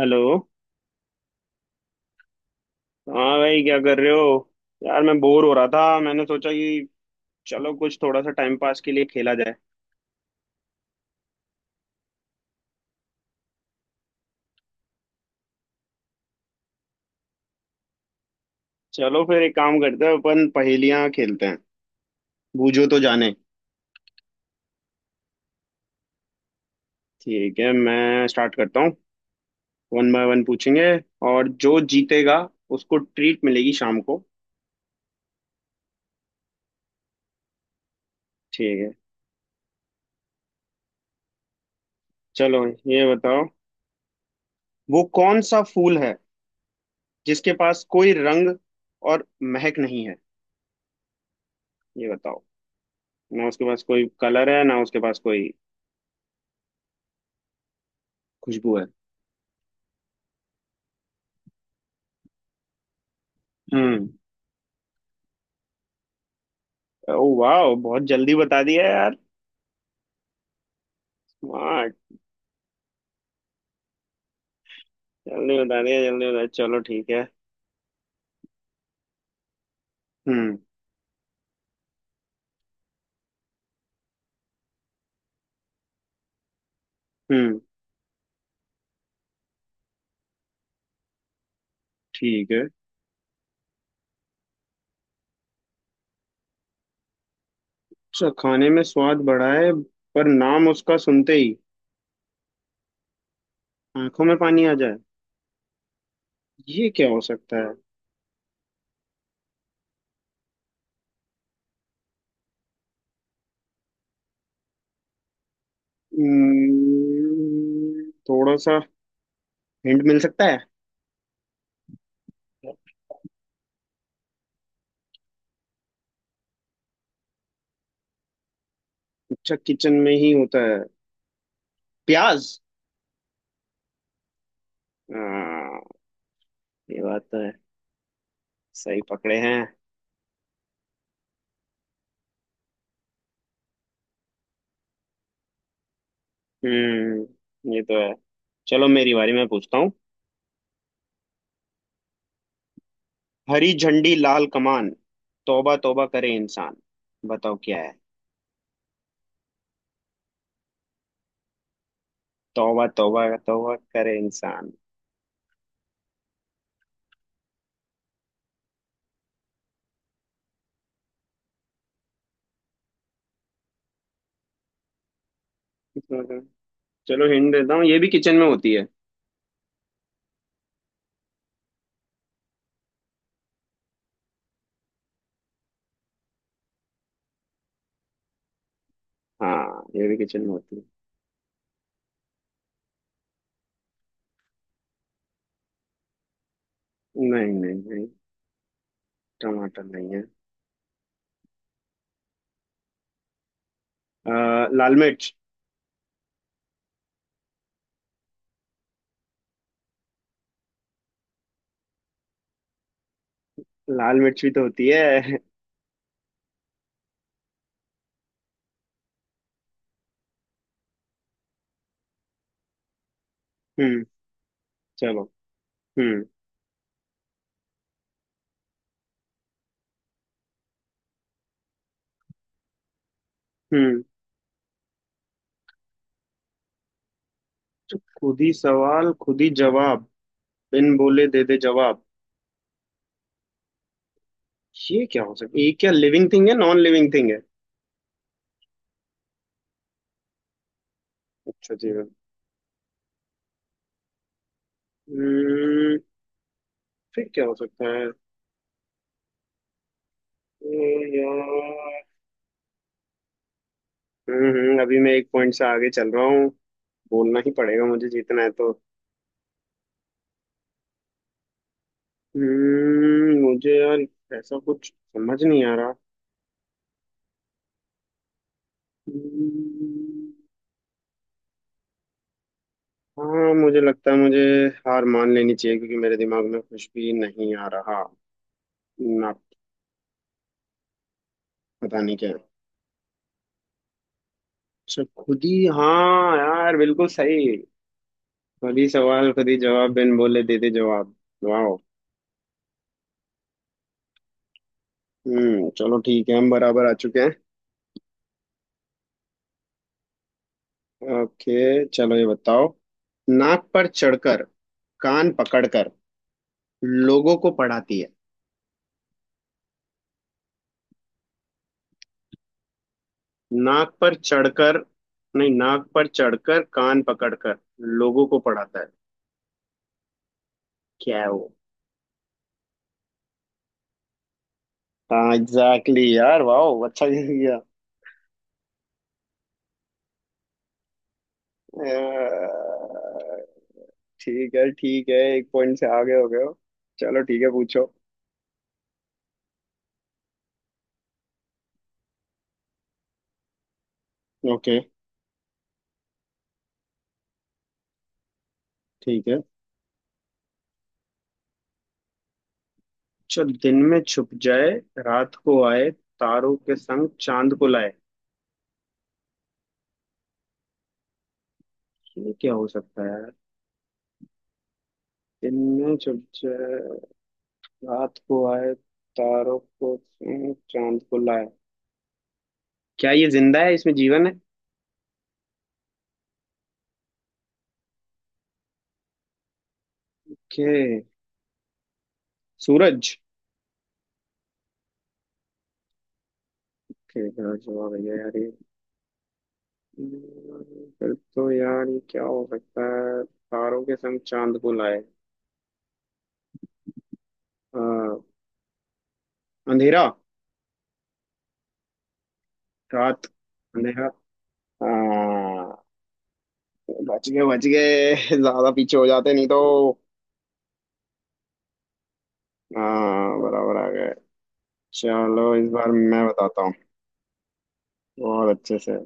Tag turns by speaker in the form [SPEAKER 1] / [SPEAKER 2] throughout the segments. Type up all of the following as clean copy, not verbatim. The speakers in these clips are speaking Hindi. [SPEAKER 1] हेलो। हाँ भाई, क्या कर रहे हो? यार मैं बोर हो रहा था, मैंने सोचा कि चलो कुछ थोड़ा सा टाइम पास के लिए खेला जाए। चलो फिर एक काम करते हैं, अपन पहेलियाँ खेलते हैं। बूझो तो जाने। ठीक है, मैं स्टार्ट करता हूँ। वन बाय वन पूछेंगे। और जो जीतेगा उसको ट्रीट मिलेगी शाम को। ठीक है। चलो ये बताओ, वो कौन सा फूल है जिसके पास कोई रंग और महक नहीं है? ये बताओ, ना उसके पास कोई कलर है ना उसके पास कोई खुशबू है। हम्म। ओ वाह, बहुत जल्दी बता दिया यार। स्मार्ट। जल्दी बता दिया, जल्दी बता, चलो ठीक है। हम्म। हम्म। ठीक है। अच्छा, खाने में स्वाद बढ़ा है, पर नाम उसका सुनते ही आंखों में पानी आ जाए। ये क्या हो सकता है? थोड़ा सा हिंट मिल सकता है? अच्छा, किचन में ही होता है। प्याज। हाँ, ये बात तो है, सही पकड़े हैं। ये तो है। चलो मेरी बारी, मैं पूछता हूँ। हरी झंडी लाल कमान, तौबा तौबा करे इंसान। बताओ क्या है? तौबा तौबा तौबा करे इंसान। चलो हिंट देता हूँ, ये भी किचन में होती है। हाँ, ये भी किचन में होती है। नहीं नहीं नहीं, टमाटर नहीं है। लाल मिर्च। लाल मिर्च भी तो होती है। हम्म। चलो। हम्म। हम्म। तो खुद ही सवाल, खुद ही जवाब, बिन बोले दे दे जवाब। ये क्या हो सकता है? ये क्या, लिविंग थिंग है नॉन लिविंग थिंग है? अच्छा जी। हम्म फिर क्या हो सकता है यार? हम्म। अभी मैं एक पॉइंट से आगे चल रहा हूँ। बोलना ही पड़ेगा, मुझे जीतना है तो। मुझे यार ऐसा कुछ समझ नहीं आ रहा। हम्म, हाँ मुझे लगता है मुझे हार मान लेनी चाहिए क्योंकि मेरे दिमाग में कुछ भी नहीं आ रहा ना। पता नहीं क्या। अच्छा खुद ही, हाँ यार बिल्कुल सही। खुद ही सवाल, खुद ही जवाब, बिन बोले दे दे जवाब। वाह। चलो ठीक है, हम बराबर आ चुके हैं। ओके चलो, ये बताओ। नाक पर चढ़कर, कान पकड़कर, लोगों को पढ़ाती है। नाक पर चढ़कर। नहीं, नाक पर चढ़कर, कान पकड़कर, लोगों को पढ़ाता है। क्या है वो? हाँ एग्जैक्टली, यार वाह, अच्छा गेस किया। अह, ठीक है ठीक है, एक पॉइंट से आगे हो गए हो। चलो ठीक है, पूछो। ओके। ठीक है। जो दिन में छुप जाए, रात को आए, तारों के संग चांद को लाए। ये क्या हो सकता है? इनमें जब जय, रात को आए, तारों को छूं, चांद को लाए। क्या ये जिंदा है, इसमें जीवन है? के। सूरज। के क्या जवाब है यार ये? हम्म, फिर तो यार ये क्या हो सकता है? तारों के संग चांद को लाए। अ, अंधेरा। रात। अंधेरा। हाँ, बच गए बच गए, ज्यादा पीछे हो जाते नहीं तो। हाँ, बराबर आ गए। चलो इस बार मैं बताता हूँ। बहुत अच्छे से।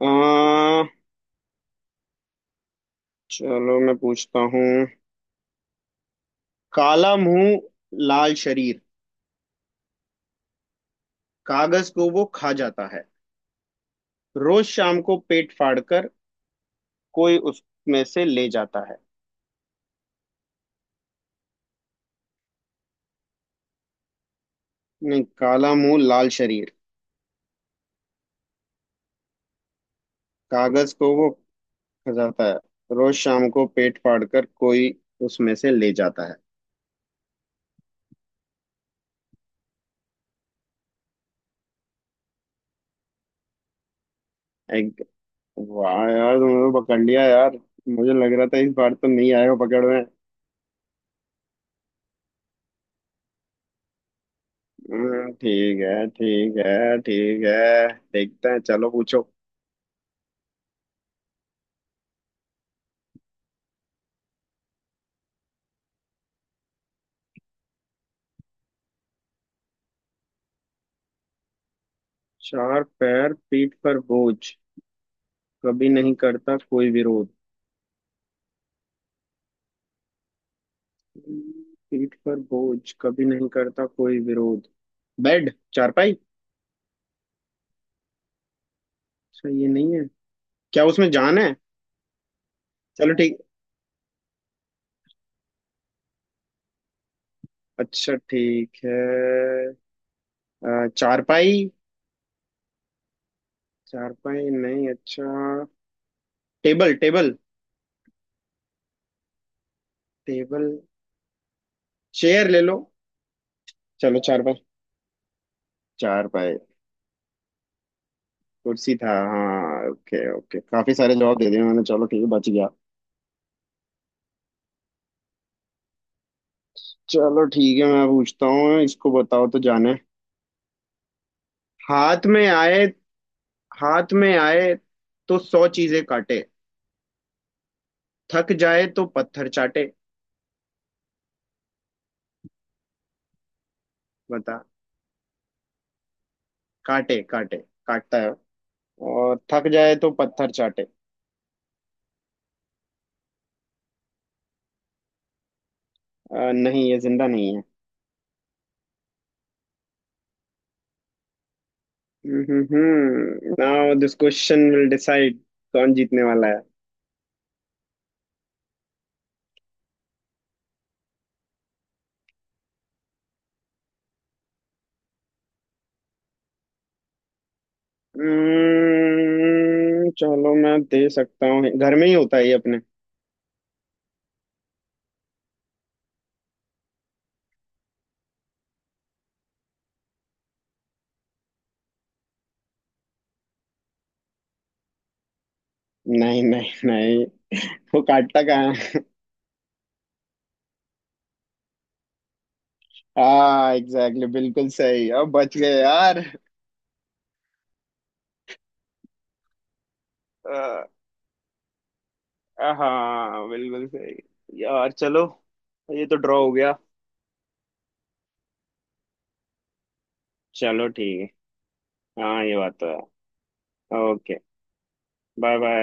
[SPEAKER 1] आ, चलो मैं पूछता हूँ। काला मुंह, लाल शरीर, कागज को वो खा जाता है। रोज शाम को पेट फाड़कर कोई उसमें से ले जाता है। नहीं, काला मुंह लाल शरीर, कागज को वो खा जाता है, रोज शाम को पेट फाड़कर कोई उसमें से ले जाता है। एक। वाह यार, तुमने तो पकड़ लिया यार। मुझे लग रहा था इस बार तो नहीं आएगा पकड़ में। ठीक है ठीक है ठीक है, देखते हैं। चलो पूछो। चार पैर, पीठ पर बोझ, कभी नहीं करता कोई विरोध। पीठ पर बोझ, कभी नहीं करता कोई विरोध। बेड। चारपाई। अच्छा, ये नहीं है? क्या उसमें जान है? चलो ठीक। अच्छा, ठीक है। चारपाई। चारपाई नहीं, अच्छा। टेबल टेबल टेबल, चेयर ले लो। चलो चारपाई, चारपाई। कुर्सी था? हाँ, ओके ओके, काफी सारे जवाब दे दिए मैंने, चलो ठीक है बच गया। चलो ठीक है, मैं पूछता हूँ, इसको बताओ तो जाने। हाथ में आए। हाथ में आए तो 100 चीजें काटे, थक जाए तो पत्थर चाटे। बता। काटे काटे, काटता है और थक जाए तो पत्थर चाटे। नहीं ये जिंदा नहीं है। Now this question will decide कौन जीतने वाला है। चलो मैं दे सकता हूँ, घर में ही होता है ये अपने। नहीं नहीं नहीं, वो काटता कहाँ है? हाँ एग्जैक्टली, बिल्कुल सही, अब बच गए यार। हाँ बिल्कुल सही। यार चलो, ये तो ड्रॉ हो गया। चलो ठीक है। हाँ ये बात तो है। ओके। Bye bye.